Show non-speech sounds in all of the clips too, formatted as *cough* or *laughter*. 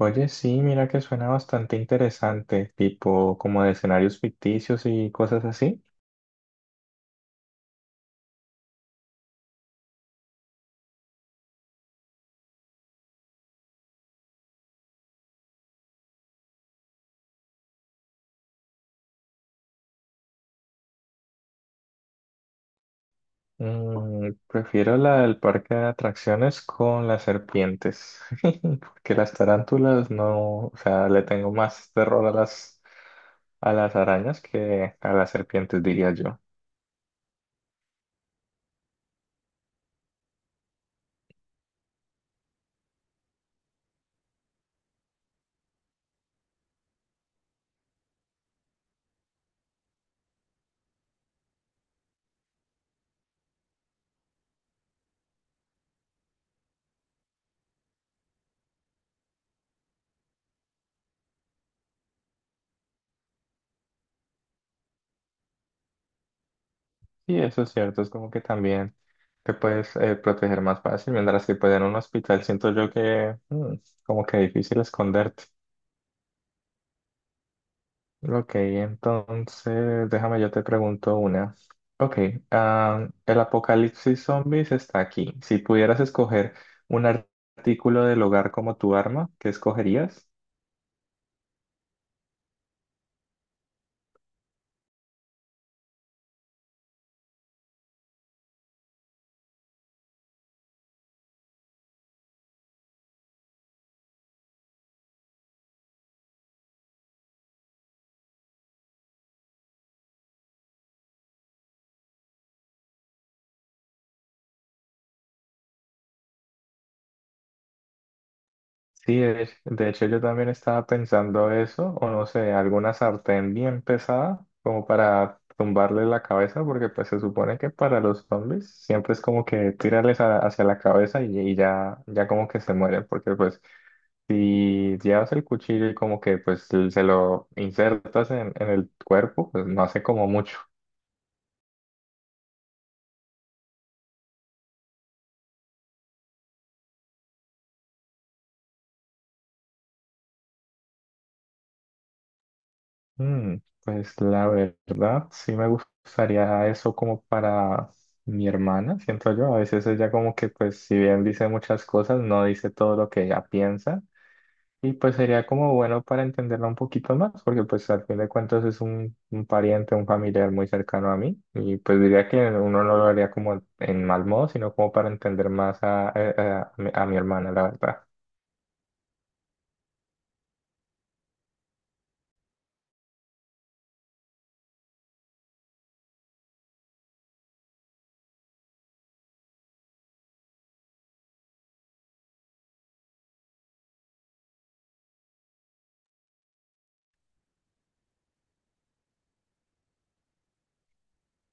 Oye, sí, mira que suena bastante interesante, tipo como de escenarios ficticios y cosas así. Prefiero la del parque de atracciones con las serpientes, *laughs* porque las tarántulas no, o sea, le tengo más terror a las arañas que a las serpientes, diría yo. Y eso es cierto, es como que también te puedes proteger más fácil, mientras que pues en un hospital siento yo que como que difícil esconderte. Ok, entonces déjame yo te pregunto una. Ok, el apocalipsis zombies está aquí. Si pudieras escoger un artículo del hogar como tu arma, ¿qué escogerías? Sí, de hecho yo también estaba pensando eso, o no sé, alguna sartén bien pesada como para tumbarle la cabeza, porque pues se supone que para los zombies siempre es como que tirarles hacia la cabeza y ya, ya como que se mueren, porque pues... Si llevas el cuchillo y como que pues se lo insertas en el cuerpo, pues no hace como mucho. Mm, pues la verdad, sí me gustaría eso como para mi hermana, siento yo. A veces ella como que pues si bien dice muchas cosas, no dice todo lo que ella piensa. Y pues sería como bueno para entenderla un poquito más, porque pues al fin de cuentas es un pariente, un familiar muy cercano a mí, y pues diría que uno no lo haría como en mal modo, sino como para entender más a mi hermana, la verdad.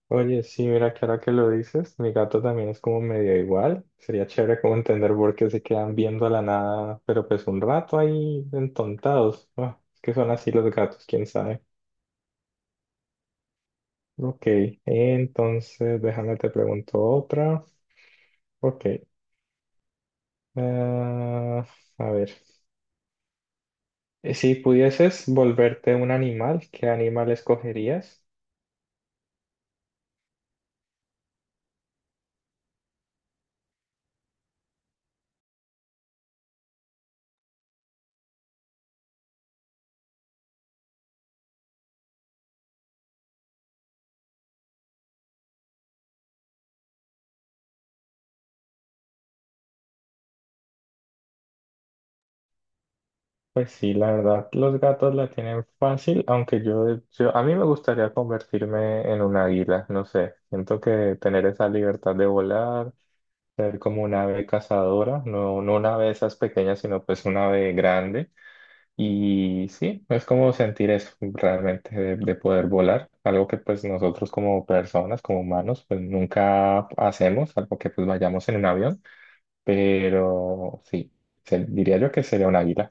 Oye, sí, mira que ahora que lo dices, mi gato también es como medio igual, sería chévere como entender por qué se quedan viendo a la nada, pero pues un rato ahí entontados. Ah, es que son así los gatos, quién sabe. Ok, entonces déjame te pregunto otra. Ok. Ah, a ver, si pudieses volverte un animal, ¿qué animal escogerías? Pues sí, la verdad, los gatos la tienen fácil, aunque a mí me gustaría convertirme en un águila, no sé, siento que tener esa libertad de volar, ser como una ave cazadora, no, no una ave de esas pequeñas, sino pues una ave grande. Y sí, es como sentir eso realmente de poder volar, algo que pues nosotros como personas, como humanos, pues nunca hacemos, algo que pues vayamos en un avión, pero sí, diría yo que sería un águila.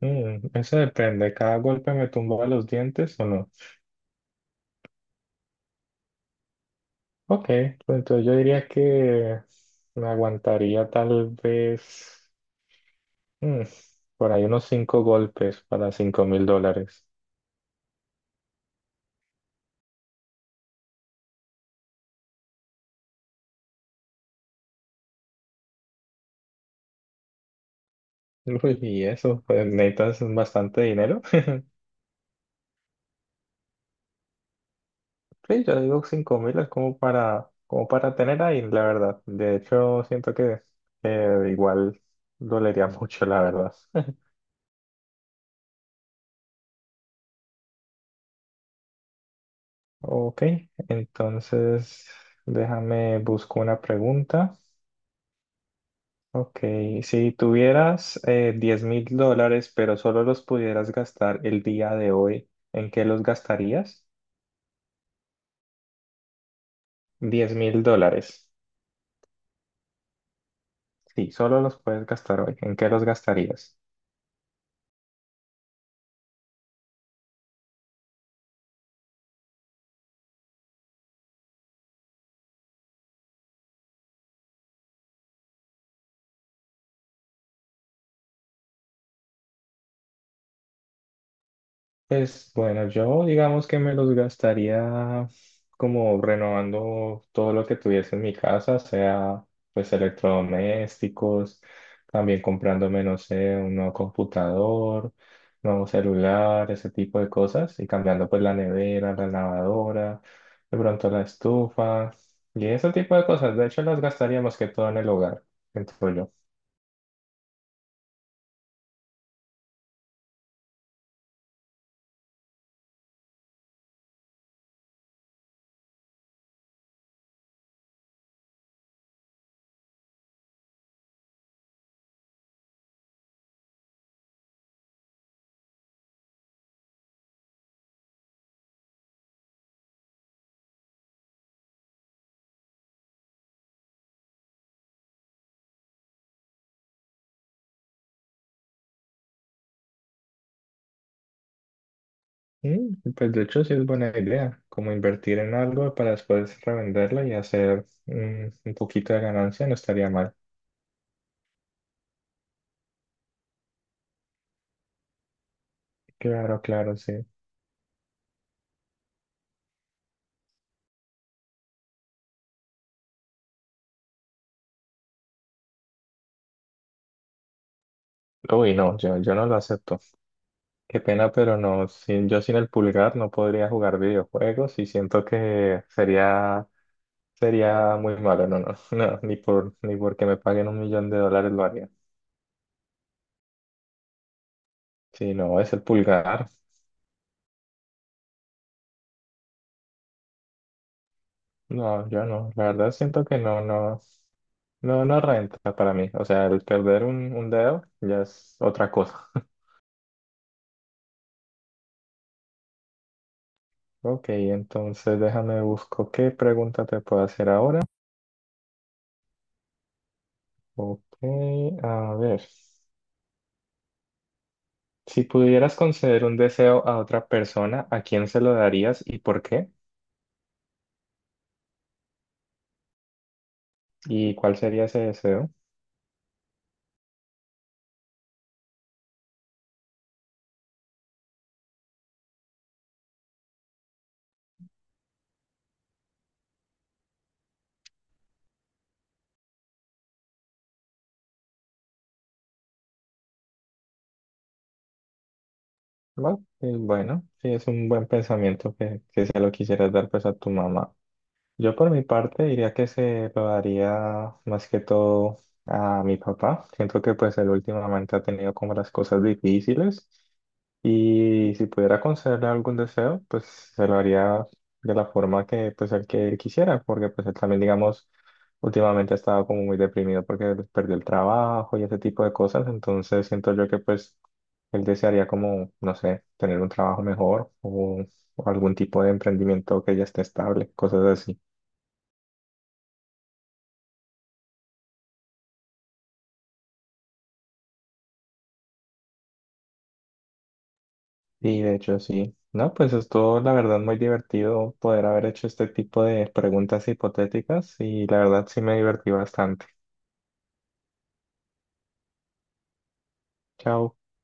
Eso depende, cada golpe me tumba los dientes o no. Ok, pues entonces yo diría que me aguantaría tal vez mm, por ahí unos cinco golpes para 5.000 dólares. *laughs* Uy, y eso, pues necesitas bastante dinero. Sí, yo digo 5.000 es como para tener ahí, la verdad. De hecho, siento que igual dolería *laughs* mucho, la verdad. *laughs* Ok, entonces déjame busco una pregunta. Ok, si tuvieras 10 mil dólares, pero solo los pudieras gastar el día de hoy, ¿en qué los gastarías? 10.000 dólares. Sí, solo los puedes gastar hoy. ¿En qué los gastarías? Pues bueno, yo digamos que me los gastaría como renovando todo lo que tuviese en mi casa, sea pues electrodomésticos, también comprándome, no sé, un nuevo computador, nuevo celular, ese tipo de cosas, y cambiando pues la nevera, la lavadora, de pronto la estufa, y ese tipo de cosas. De hecho, las gastaría más que todo en el hogar, siento yo. Pues de hecho sí es buena idea, como invertir en algo para después revenderlo y hacer un poquito de ganancia no estaría mal. Claro, claro, sí. Uy, no, yo no lo acepto. Qué pena, pero no, sin, yo sin el pulgar no podría jugar videojuegos y siento que sería, muy malo. No, no, *laughs* no, ni porque me paguen un millón de dólares lo haría. Sí, no, es el pulgar. No, yo no. La verdad siento que no, no, no, no renta para mí. O sea, el perder un dedo ya es otra cosa. Ok, entonces déjame busco qué pregunta te puedo hacer ahora. Ok, a ver. Si pudieras conceder un deseo a otra persona, ¿a quién se lo darías y por qué? ¿Y cuál sería ese deseo? Bueno, y bueno, sí es un buen pensamiento que si se lo quisieras dar pues a tu mamá. Yo por mi parte diría que se lo daría más que todo a mi papá. Siento que pues él últimamente ha tenido como las cosas difíciles y si pudiera concederle algún deseo, pues se lo haría de la forma que pues el que él quisiera, porque pues él también digamos últimamente ha estado como muy deprimido porque perdió el trabajo y ese tipo de cosas, entonces siento yo que pues él desearía como, no sé, tener un trabajo mejor o algún tipo de emprendimiento que ya esté estable, cosas así. Sí, de hecho, sí. No, pues estuvo la verdad muy divertido poder haber hecho este tipo de preguntas hipotéticas y la verdad sí me divertí bastante. Chao.